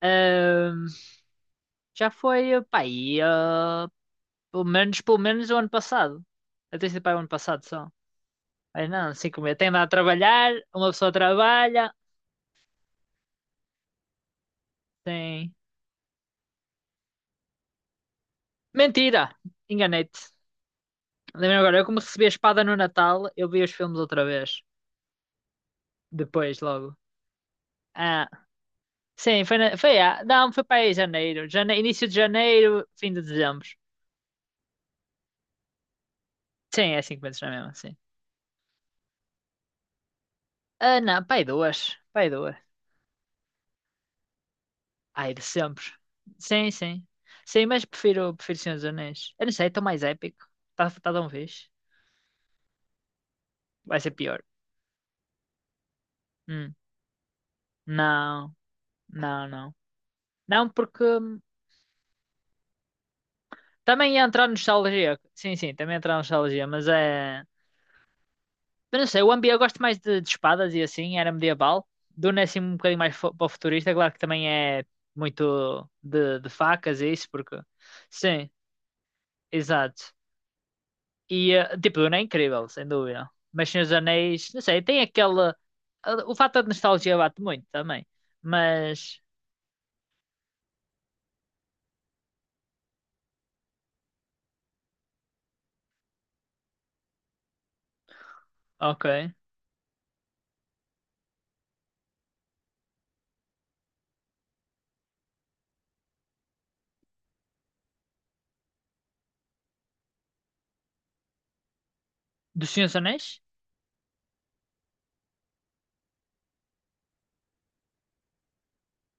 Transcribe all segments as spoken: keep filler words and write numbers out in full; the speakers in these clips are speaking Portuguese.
Ahm, Já foi, pá, aí, ah, pelo menos, pelo menos o ano passado. Até se pá, o ano passado só. Ai não, cinco meses. Tem de a trabalhar, uma pessoa trabalha, tem. Mentira! Enganei-te. Lembro agora, eu como recebi a espada no Natal, eu vi os filmes outra vez. Depois, logo. Ah, sim, foi, na... foi, ah, não, foi para aí janeiro. Jane... Início de janeiro, fim de dezembro. Sim, é cinco meses na mesma, sim. Ah, não, pá, aí duas. Pá, aí duas. Ah, é de sempre. Sim, sim. Sim, mas prefiro, prefiro Senhor dos Anéis. Eu não sei, é tão mais épico. Está tá tá de uma vez. Vai ser pior. Hum. Não, não, não. Não, porque hum, também ia entrar nostalgia. Sim, sim, também ia entrar nostalgia, mas é. Eu não sei, o Ambi eu gosto mais de, de espadas e assim, era medieval. Duna é assim um bocadinho mais fo- para o futurista, claro que também é muito de, de facas e isso, porque. Sim, exato. E, eh, tipo, Duna é incrível, sem dúvida. Mas Senhor dos Anéis, não sei, tem aquela. eh, O fator de nostalgia bate muito também. Mas. Ok. Do Senhor dos Anéis?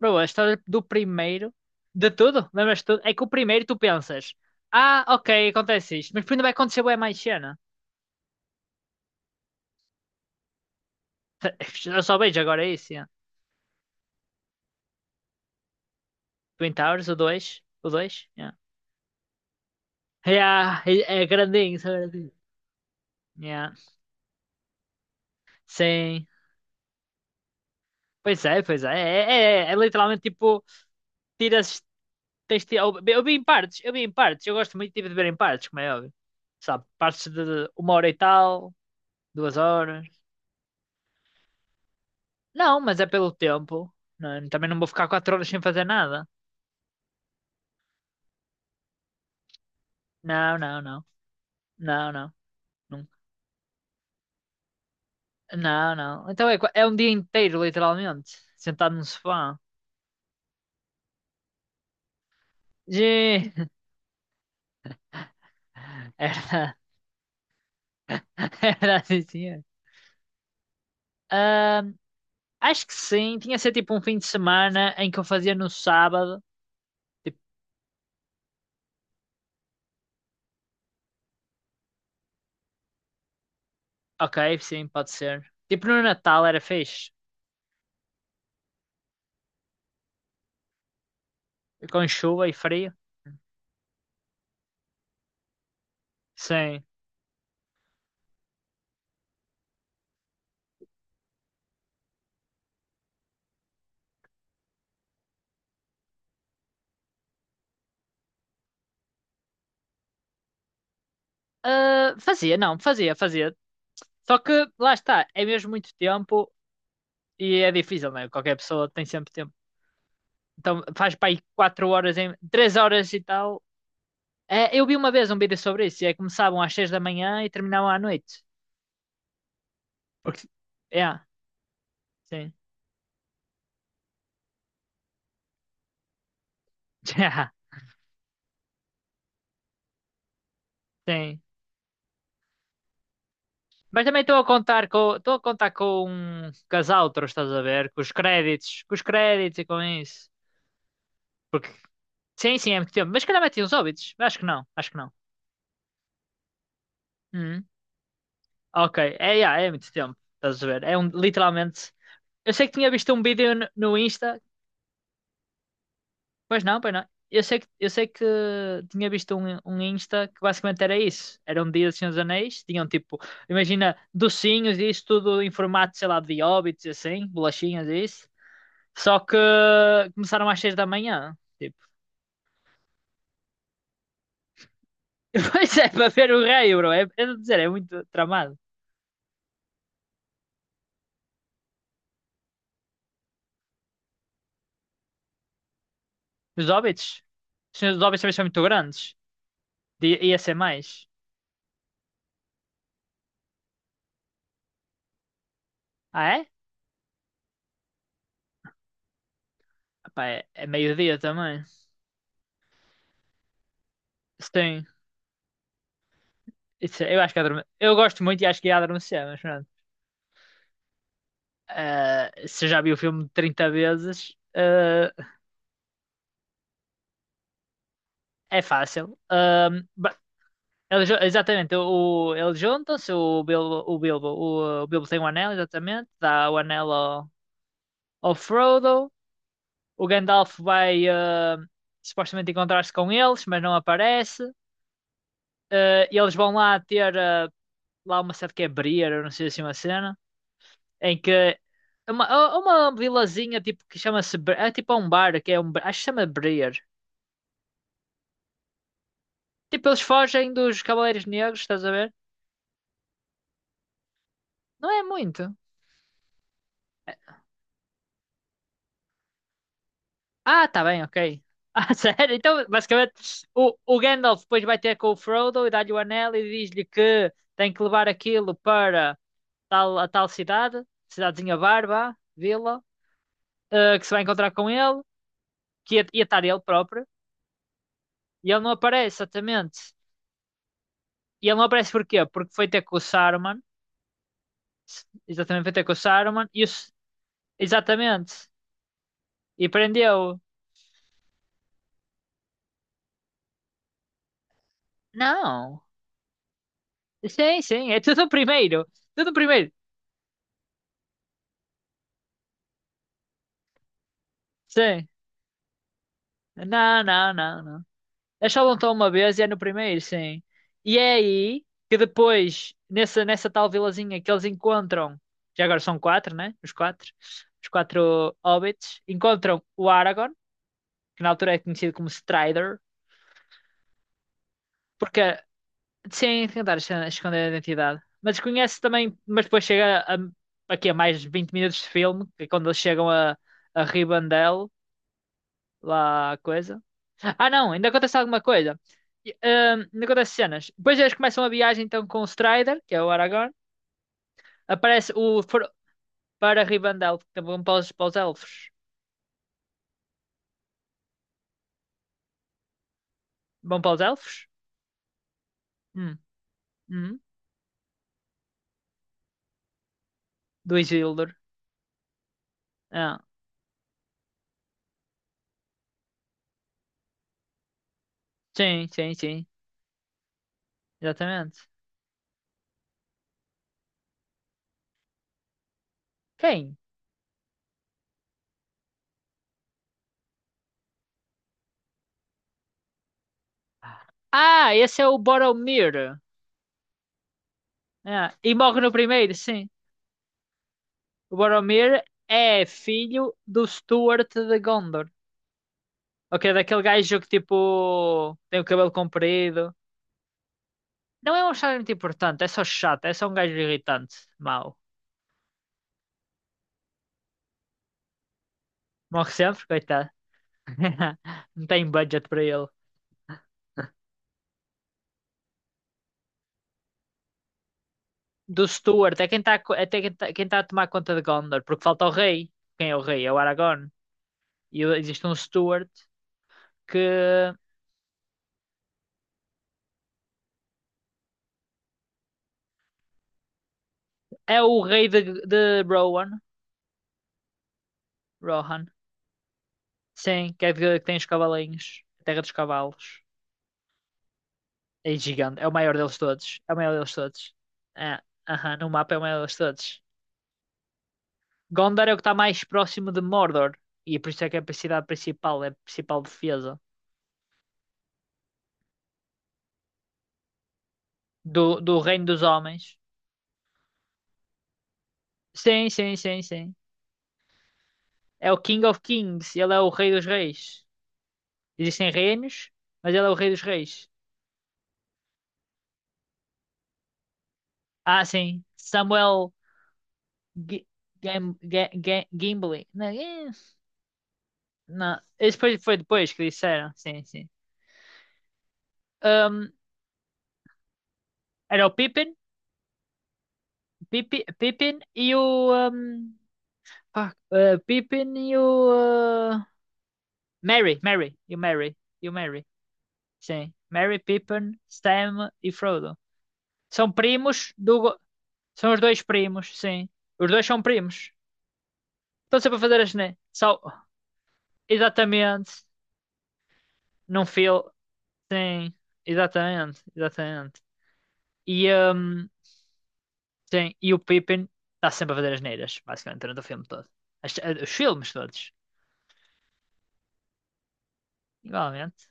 Bro, a história do primeiro. De tudo, lembras de tudo? É que o primeiro tu pensas. Ah, ok, acontece isto. Mas ainda vai acontecer bem mais cena. Eu só vejo agora isso, yeah. Twin Towers, o dois. O dois, yeah. Yeah, é é grandinho, isso é grandinho. Yeah. Sim. Pois é, pois é. É, é, é literalmente tipo. Tiras. tens de, eu, eu vi em partes, eu vi em partes, eu gosto muito tipo, de ver em partes, como é óbvio. Sabe, partes de uma hora e tal, duas horas. Não, mas é pelo tempo. Não, é? Também não vou ficar quatro horas sem fazer nada. Não, não, não. Não, não. Não, não. Não. Então é, qua- é um dia inteiro, literalmente, sentado num sofá. Gê. Era, era assim, senhor. Ahm, Acho que sim, tinha que ser tipo um fim de semana em que eu fazia no sábado. Tipo, ok, sim, pode ser. Tipo no Natal era fixe. Com chuva e frio. Sim. Ah, fazia, não, fazia, fazia. Só que lá está, é mesmo muito tempo e é difícil, não é? Qualquer pessoa tem sempre tempo. Então faz para aí quatro horas, em, três horas e tal. É, eu vi uma vez um vídeo sobre isso, e é que começavam às seis da manhã e terminavam à noite. Porque... É, sim. Já sim. Mas também estou a contar com, estou a contar com um casal, estás a ver? Com os créditos, com os créditos e com isso. Porque, sim, sim, é muito tempo. Mas se calhar meti uns óbitos. Acho que não, acho que não. Hum, ok, é, yeah, é muito tempo, estás a ver? É um, literalmente. Eu sei que tinha visto um vídeo no, no Insta, pois não, pois não. Eu sei que, eu sei que tinha visto um, um Insta que basicamente era isso. Era um dia dos Senhor dos Anéis, tinham tipo, imagina, docinhos e isso tudo em formato, sei lá, de hobbits e assim, bolachinhas e isso. Só que começaram às seis da manhã, tipo. Pois é, para ver o rei, bro. É, é de dizer, é muito tramado. Os hobbits, os Senhor dos hobbits também são muito grandes. De ia ser mais. Ah, é? Pá, é, é meio-dia também. Sim. Isso, é, Eu acho que adorme... eu gosto muito e acho que ia adormecer, mas pronto. Ah, se eu já vi o filme trinta vezes, ah, é fácil. Ah, ba- ele ju- exatamente, o, eles juntam-se, o Bilbo, o Bilbo, o, o Bilbo tem o anel, exatamente, dá o anel ao, ao Frodo, o Gandalf vai ah, supostamente encontrar-se com eles, mas não aparece. Ah, e eles vão lá ter ah, lá uma certa que é Briar, eu não sei se é uma cena. Em que é uma, é uma vilazinha tipo que chama-se Bre- é tipo um bar que é um bar- acho que se chama Breer. Tipo, eles fogem dos Cavaleiros Negros, estás a ver? Não é muito. É, ah, tá bem, ok. Ah, sério? Então, basicamente, o, o Gandalf depois vai ter com o Frodo e dá-lhe o anel e diz-lhe que tem que levar aquilo para tal, a tal cidade, cidadezinha Barba, Vila, eh, que se vai encontrar com ele, que ia, ia estar ele próprio, e ele não aparece, exatamente. E ele não aparece porquê? Porque foi ter com o Saruman, exatamente, foi ter com o Saruman e o... S- exatamente. E prendeu. Não. Sim, sim, é tudo o primeiro. Tudo o primeiro. Sim. Não, não, não, não. É só lutam uma vez e é no primeiro, sim. E é aí que depois, nessa, nessa tal vilazinha que eles encontram, já agora são quatro, né? Os quatro. Os quatro hobbits. Encontram o Aragorn, que na altura é conhecido como Strider, porque sim, tentar esconder esconder a identidade. Mas conhece também, mas depois chega a, aqui a mais vinte minutos de filme, que é quando eles chegam a, a Rivendell, lá a coisa. Ah não, ainda acontece alguma coisa. E, ahm, ainda acontece cenas. Depois eles começam a viagem então com o Strider, que é o Aragorn. Aparece o for- Para Rivendell, que vão para os, para os elfos. Vão para os elfos? Hum, hum, do Isildur. Ah, sim, sim, sim. Exatamente. Quem? Ah, esse é o Boromir. É, e morre no primeiro, sim. O Boromir é filho do Stuart de Gondor. Ok, daquele gajo que tipo tem o cabelo comprido. Não é um chá muito importante, é só chato, é só um gajo irritante, mau. Morre sempre, coitado. Não tem budget para ele. Do Stuart, é quem está, é quem tá, quem tá a tomar conta de Gondor, porque falta o rei. Quem é o rei? É o Aragorn. E existe um Stuart que é o rei de, de Rohan. Rohan. Sim, que é que tem os cavalinhos. A Terra dos Cavalos. É gigante. É o maior deles todos. É o maior deles todos. É, aham, no mapa é o maior deles todos. Gondor é o que está mais próximo de Mordor. E é por isso é que é a cidade principal. É a principal defesa do, do Reino dos Homens. Sim, sim, sim, sim. É o King of Kings. Ele é o Rei dos Reis. Existem reinos, mas ele é o Rei dos Reis. Ah, sim. Samuel G Gam Ga- Ga- Gimli. Não, é? Não. Esse foi, foi depois que disseram, sim, sim. Ahm, Era o Pippin, Pippin, Pippin e o. ahm, pá, eh, Pippin e o. ah, Merry, Merry, e o Merry, e o Merry. Sim. Merry, Pippin, Sam e Frodo. São primos do. go- São os dois primos, sim. Os dois são primos. Estão sempre a fazer as. ne- Só... Exatamente. Num fio. Sim, exatamente, exatamente. E. ahm, Sim, e o Pippin está sempre a fazer as neiras, basicamente, durante o filme todo. As- eh, os filmes todos, igualmente.